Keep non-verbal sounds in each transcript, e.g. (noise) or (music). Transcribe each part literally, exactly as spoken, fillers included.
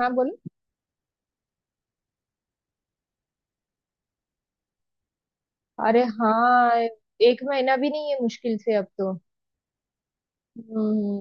हाँ, बोलो। अरे हाँ, एक महीना भी नहीं है मुश्किल से अब तो। हम्म।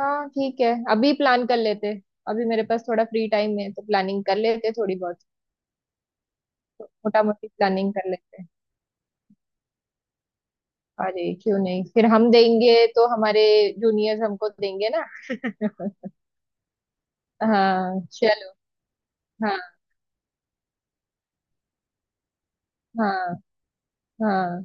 हाँ ठीक है, अभी प्लान कर लेते। अभी मेरे पास थोड़ा फ्री टाइम है तो प्लानिंग कर लेते थोड़ी बहुत। मोटा मोटी प्लानिंग कर लेते। अरे क्यों नहीं, फिर हम देंगे तो हमारे जूनियर्स हमको देंगे ना। हाँ चलो। हाँ। हाँ। हाँ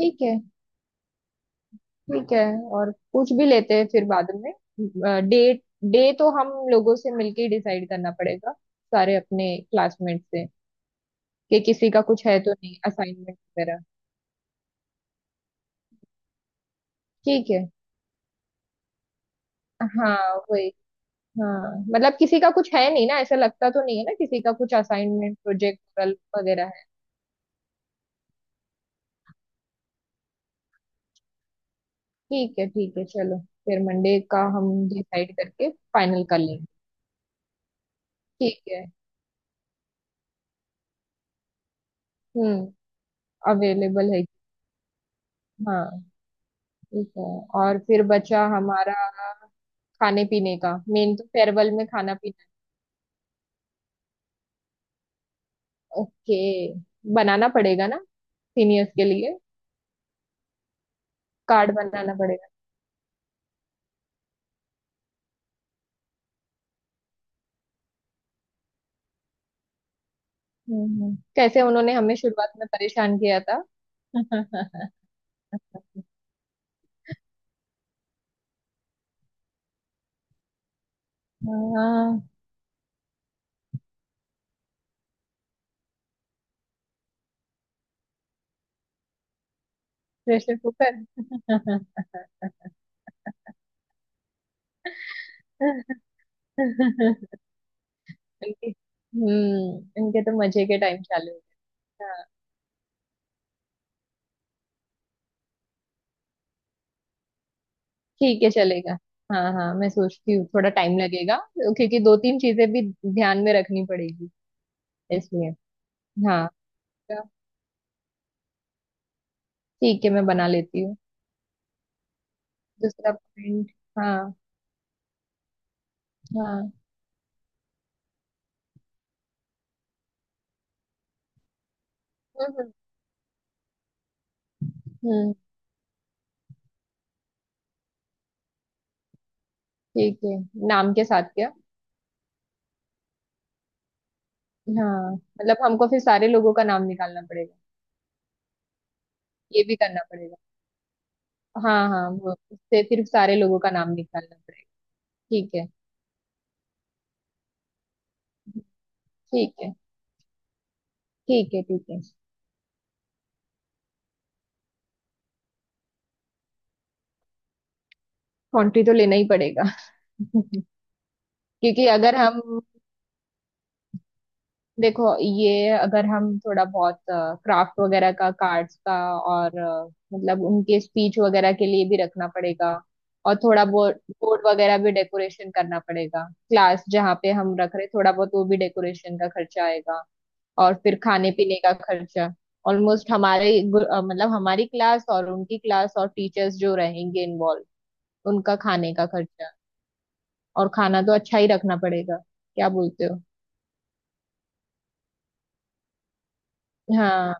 ठीक है। ठीक है। और पूछ भी लेते हैं फिर बाद में। डेट, डे तो हम लोगों से मिलके डिसाइड करना पड़ेगा, सारे अपने क्लासमेट से, कि किसी का कुछ है तो नहीं, असाइनमेंट वगैरह। ठीक है। हाँ वही। हाँ मतलब किसी का कुछ है नहीं ना, ऐसा लगता तो नहीं है ना, किसी का कुछ असाइनमेंट प्रोजेक्ट वगैरह है। ठीक है ठीक है, चलो फिर मंडे का हम डिसाइड करके फाइनल कर लेंगे। ठीक है। हम्म। अवेलेबल है। हाँ। ठीक है। और फिर बचा हमारा खाने पीने का, मेन तो फेयरवेल में खाना पीना। ओके, बनाना पड़ेगा ना, सीनियर्स के लिए कार्ड बनाना पड़ेगा। हम्म हम्म। कैसे उन्होंने हमें शुरुआत में परेशान किया था। (laughs) हाँ, प्रेशर कुकर। उनके हम्म, उनके तो मजे के टाइम चालू हो गए। हाँ ठीक है, चलेगा। हाँ हाँ, मैं सोचती हूँ, थोड़ा टाइम लगेगा क्योंकि दो तीन चीजें भी ध्यान में रखनी पड़ेगी इसलिए। हाँ तो ठीक है, मैं बना लेती हूँ। दूसरा पॉइंट। हाँ। हाँ। हम्म हम्म, हम्म, ठीक है। नाम के साथ क्या? हाँ मतलब हमको फिर सारे लोगों का नाम निकालना पड़ेगा। ये भी करना पड़ेगा। हाँ हाँ वो उससे फिर सारे लोगों का नाम निकालना पड़ेगा। ठीक है। ठीक है। ठीक है। ठीक है। कंट्री तो लेना ही पड़ेगा। (laughs) क्योंकि अगर हम, देखो ये अगर हम थोड़ा बहुत क्राफ्ट वगैरह का, कार्ड्स का और अ, मतलब उनके स्पीच वगैरह के लिए भी रखना पड़ेगा। और थोड़ा बहुत बोर्ड वगैरह भी डेकोरेशन करना पड़ेगा, क्लास जहाँ पे हम रख रहे, थोड़ा बहुत वो भी डेकोरेशन का खर्चा आएगा। और फिर खाने पीने का खर्चा, ऑलमोस्ट हमारे ग्रु- अ, मतलब हमारी क्लास और उनकी क्लास और टीचर्स जो रहेंगे इन्वॉल्व, उनका खाने का खर्चा। और खाना तो अच्छा ही रखना पड़ेगा, क्या बोलते हो? हाँ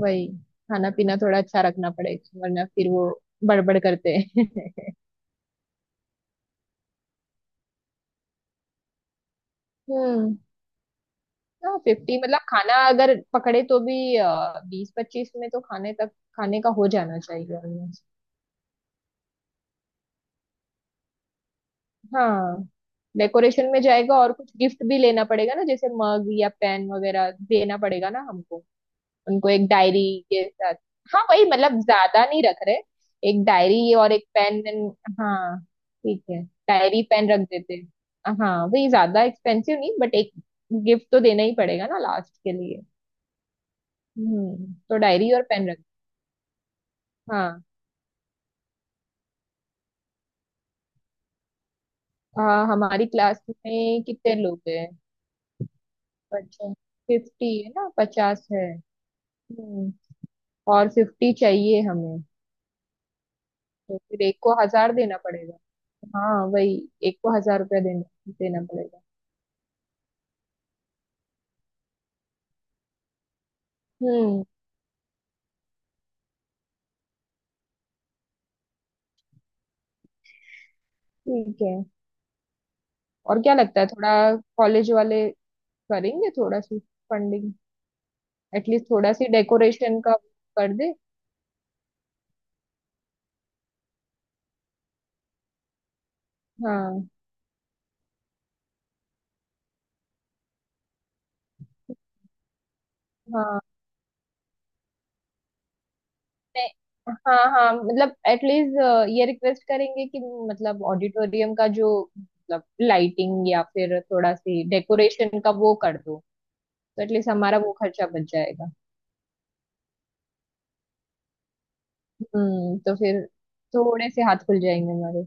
वही, खाना पीना थोड़ा अच्छा रखना पड़ेगा वरना फिर वो बड़बड़ करते हैं। (laughs) हम्म। हाँ फिफ्टी मतलब, खाना अगर पकड़े तो भी बीस पच्चीस में तो खाने तक, खाने का हो जाना चाहिए almost। हाँ डेकोरेशन में जाएगा, और कुछ गिफ्ट भी लेना पड़ेगा ना, जैसे मग या पेन वगैरह देना पड़ेगा ना हमको। उनको एक डायरी के साथ। हाँ वही, मतलब ज्यादा नहीं रख रहे, एक डायरी और एक पेन। हाँ ठीक है, डायरी पेन रख देते हैं। हाँ वही, ज्यादा एक्सपेंसिव नहीं बट एक गिफ्ट तो देना ही पड़ेगा ना लास्ट के लिए। हम्म, तो डायरी और पेन रख। हाँ। हाँ, हमारी क्लास में कितने लोग हैं? पचास? फिफ्टी है ना, पचास है। हम्म। और फिफ्टी चाहिए हमें, तो फिर एक को हजार देना पड़ेगा। हाँ वही, एक को हजार रुपया देना, देना पड़ेगा। हम्म। ठीक है। और क्या लगता है, थोड़ा कॉलेज वाले करेंगे थोड़ा सी फंडिंग, एटलीस्ट थोड़ा सी डेकोरेशन का कर दे। हाँ। हाँ। नहीं, हाँ हाँ मतलब एटलीस्ट ये रिक्वेस्ट करेंगे कि, मतलब ऑडिटोरियम का जो, मतलब लाइटिंग या फिर थोड़ा सी डेकोरेशन का वो कर दो, तो एटलीस्ट हमारा वो खर्चा बच जाएगा। हम्म, तो फिर थोड़े से हाथ खुल जाएंगे हमारे।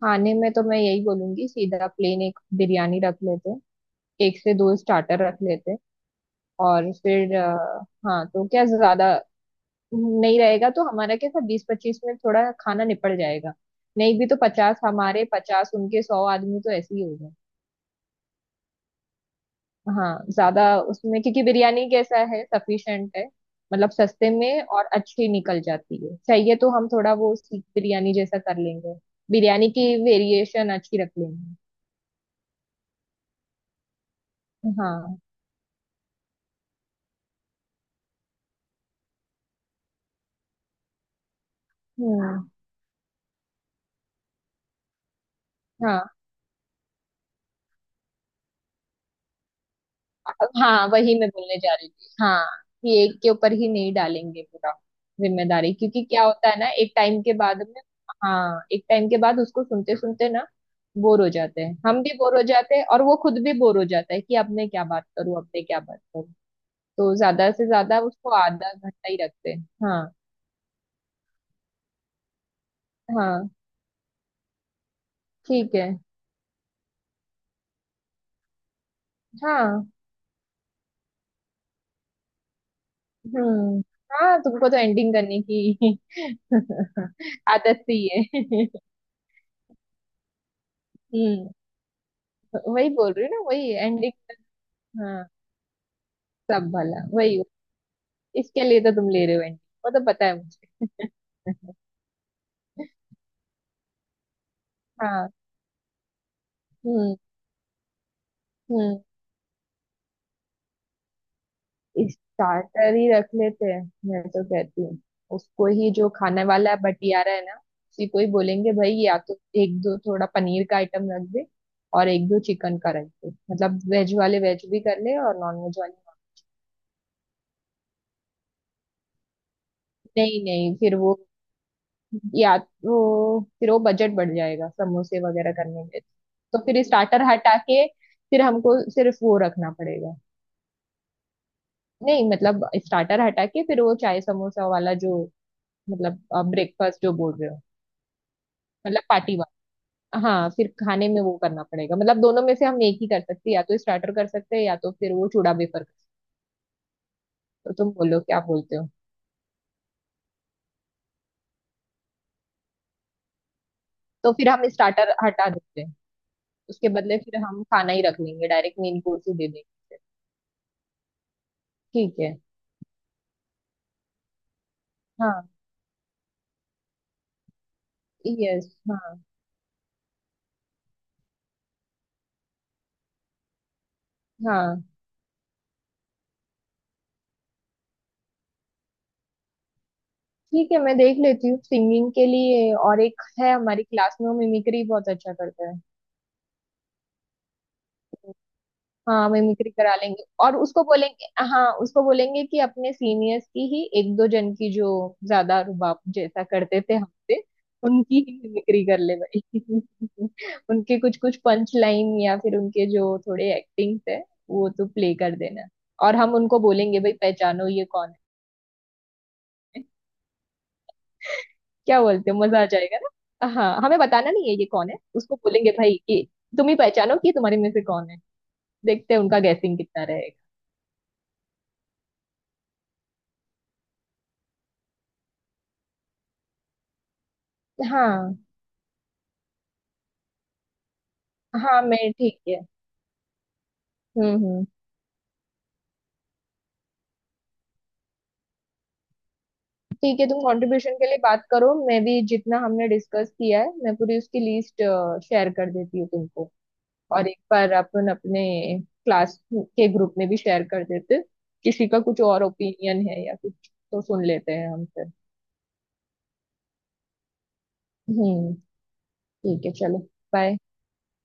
खाने में तो मैं यही बोलूंगी, सीधा प्लेन एक बिरयानी रख लेते हैं, एक से दो स्टार्टर रख लेते हैं। और फिर अ, हाँ, तो क्या ज्यादा नहीं रहेगा, तो हमारा क्या था, बीस पच्चीस में थोड़ा खाना निपट जाएगा। नहीं भी तो पचास हमारे पचास उनके, सौ आदमी तो ऐसे ही हो गए। हाँ ज्यादा उसमें, क्योंकि बिरयानी कैसा है, सफिशिएंट है, मतलब सस्ते में और अच्छी निकल जाती है। चाहिए तो हम थोड़ा वो सीख बिरयानी जैसा कर लेंगे, बिरयानी की वेरिएशन अच्छी रख लेंगे। हाँ। हम्म। हाँ। हाँ वही मैं बोलने जा रही थी, हाँ कि एक के ऊपर ही नहीं डालेंगे पूरा जिम्मेदारी, क्योंकि क्या होता है ना, एक टाइम के बाद में, हाँ एक टाइम के बाद उसको सुनते सुनते ना, बोर हो जाते हैं, हम भी बोर हो जाते हैं और वो खुद भी बोर हो जाता है कि अब मैं क्या बात करूँ, अब मैं क्या बात करूँ। तो ज्यादा से ज्यादा उसको आधा घंटा ही रखते हैं। हाँ। हाँ ठीक है। हाँ। हम्म। हाँ, तुमको तो एंडिंग करने की (laughs) आदत सी है। (laughs) हम्म, वही बोल रही हूँ ना, वही एंडिंग सब भला वही हो। इसके लिए तो तुम ले रहे हो एंटी, वो तो पता है मुझे। (laughs) हाँ। हम्म हम्म, स्टार्टर ही रख लेते हैं मैं तो कहती हूँ, उसको ही जो खाने वाला है, बटियारा है ना, उसी को ही बोलेंगे भाई या तो एक दो थोड़ा पनीर का आइटम रख दे और एक दो चिकन का रख दे, मतलब वेज वाले वेज भी कर ले और नॉन वेज वाले non- नहीं नहीं, फिर वो, या तो फिर वो बजट बढ़ जाएगा समोसे वगैरह करने में। तो फिर स्टार्टर हटा के फिर हमको सिर्फ वो रखना पड़ेगा, नहीं मतलब स्टार्टर हटा के फिर वो चाय समोसा वाला जो, मतलब ब्रेकफास्ट जो बोल रहे हो, मतलब पार्टी वाला। हाँ फिर खाने में वो करना पड़ेगा, मतलब दोनों में से हम एक ही कर सकते हैं, या तो स्टार्टर कर सकते हैं या तो फिर वो चूड़ा वेफर कर सकते हो, तुम बोलो, क्या बोलते हो? तो फिर हम स्टार्टर हटा देते हैं, उसके बदले फिर हम खाना ही रख लेंगे, डायरेक्ट मेन कोर्स ही दे देंगे। ठीक है। हाँ। यस हाँ। हाँ। ठीक है मैं देख लेती हूँ सिंगिंग के लिए। और एक है हमारी क्लास में, वो मिमिक्री बहुत अच्छा करता है। हाँ मिमिक्री करा लेंगे, और उसको बोलेंगे, हाँ उसको बोलेंगे कि अपने सीनियर्स की ही एक दो जन की जो ज्यादा रुबाब जैसा करते थे हमसे, उनकी ही मिमिक्री कर ले भाई। (laughs) उनके कुछ कुछ पंच लाइन या फिर उनके जो थोड़े एक्टिंग्स है, वो तो प्ले कर देना, और हम उनको बोलेंगे भाई पहचानो ये कौन है। क्या बोलते हो, मजा आ जाएगा ना। हाँ, हमें बताना नहीं है ये कौन है, उसको बोलेंगे भाई कि तुम ही पहचानो कि तुम्हारे में से कौन है। देखते हैं उनका गैसिंग कितना रहेगा। हाँ। हाँ मैं ठीक है। हम्म हम्म, ठीक है, तुम कंट्रीब्यूशन के लिए बात करो, मैं भी जितना हमने डिस्कस किया है, मैं पूरी उसकी लिस्ट शेयर कर देती हूँ तुमको। और एक बार अपन अपने क्लास के ग्रुप में भी शेयर कर देते हैं। किसी का कुछ और ओपिनियन है या कुछ, तो सुन लेते हैं हम फिर। हम्म, ठीक है चलो, बाय।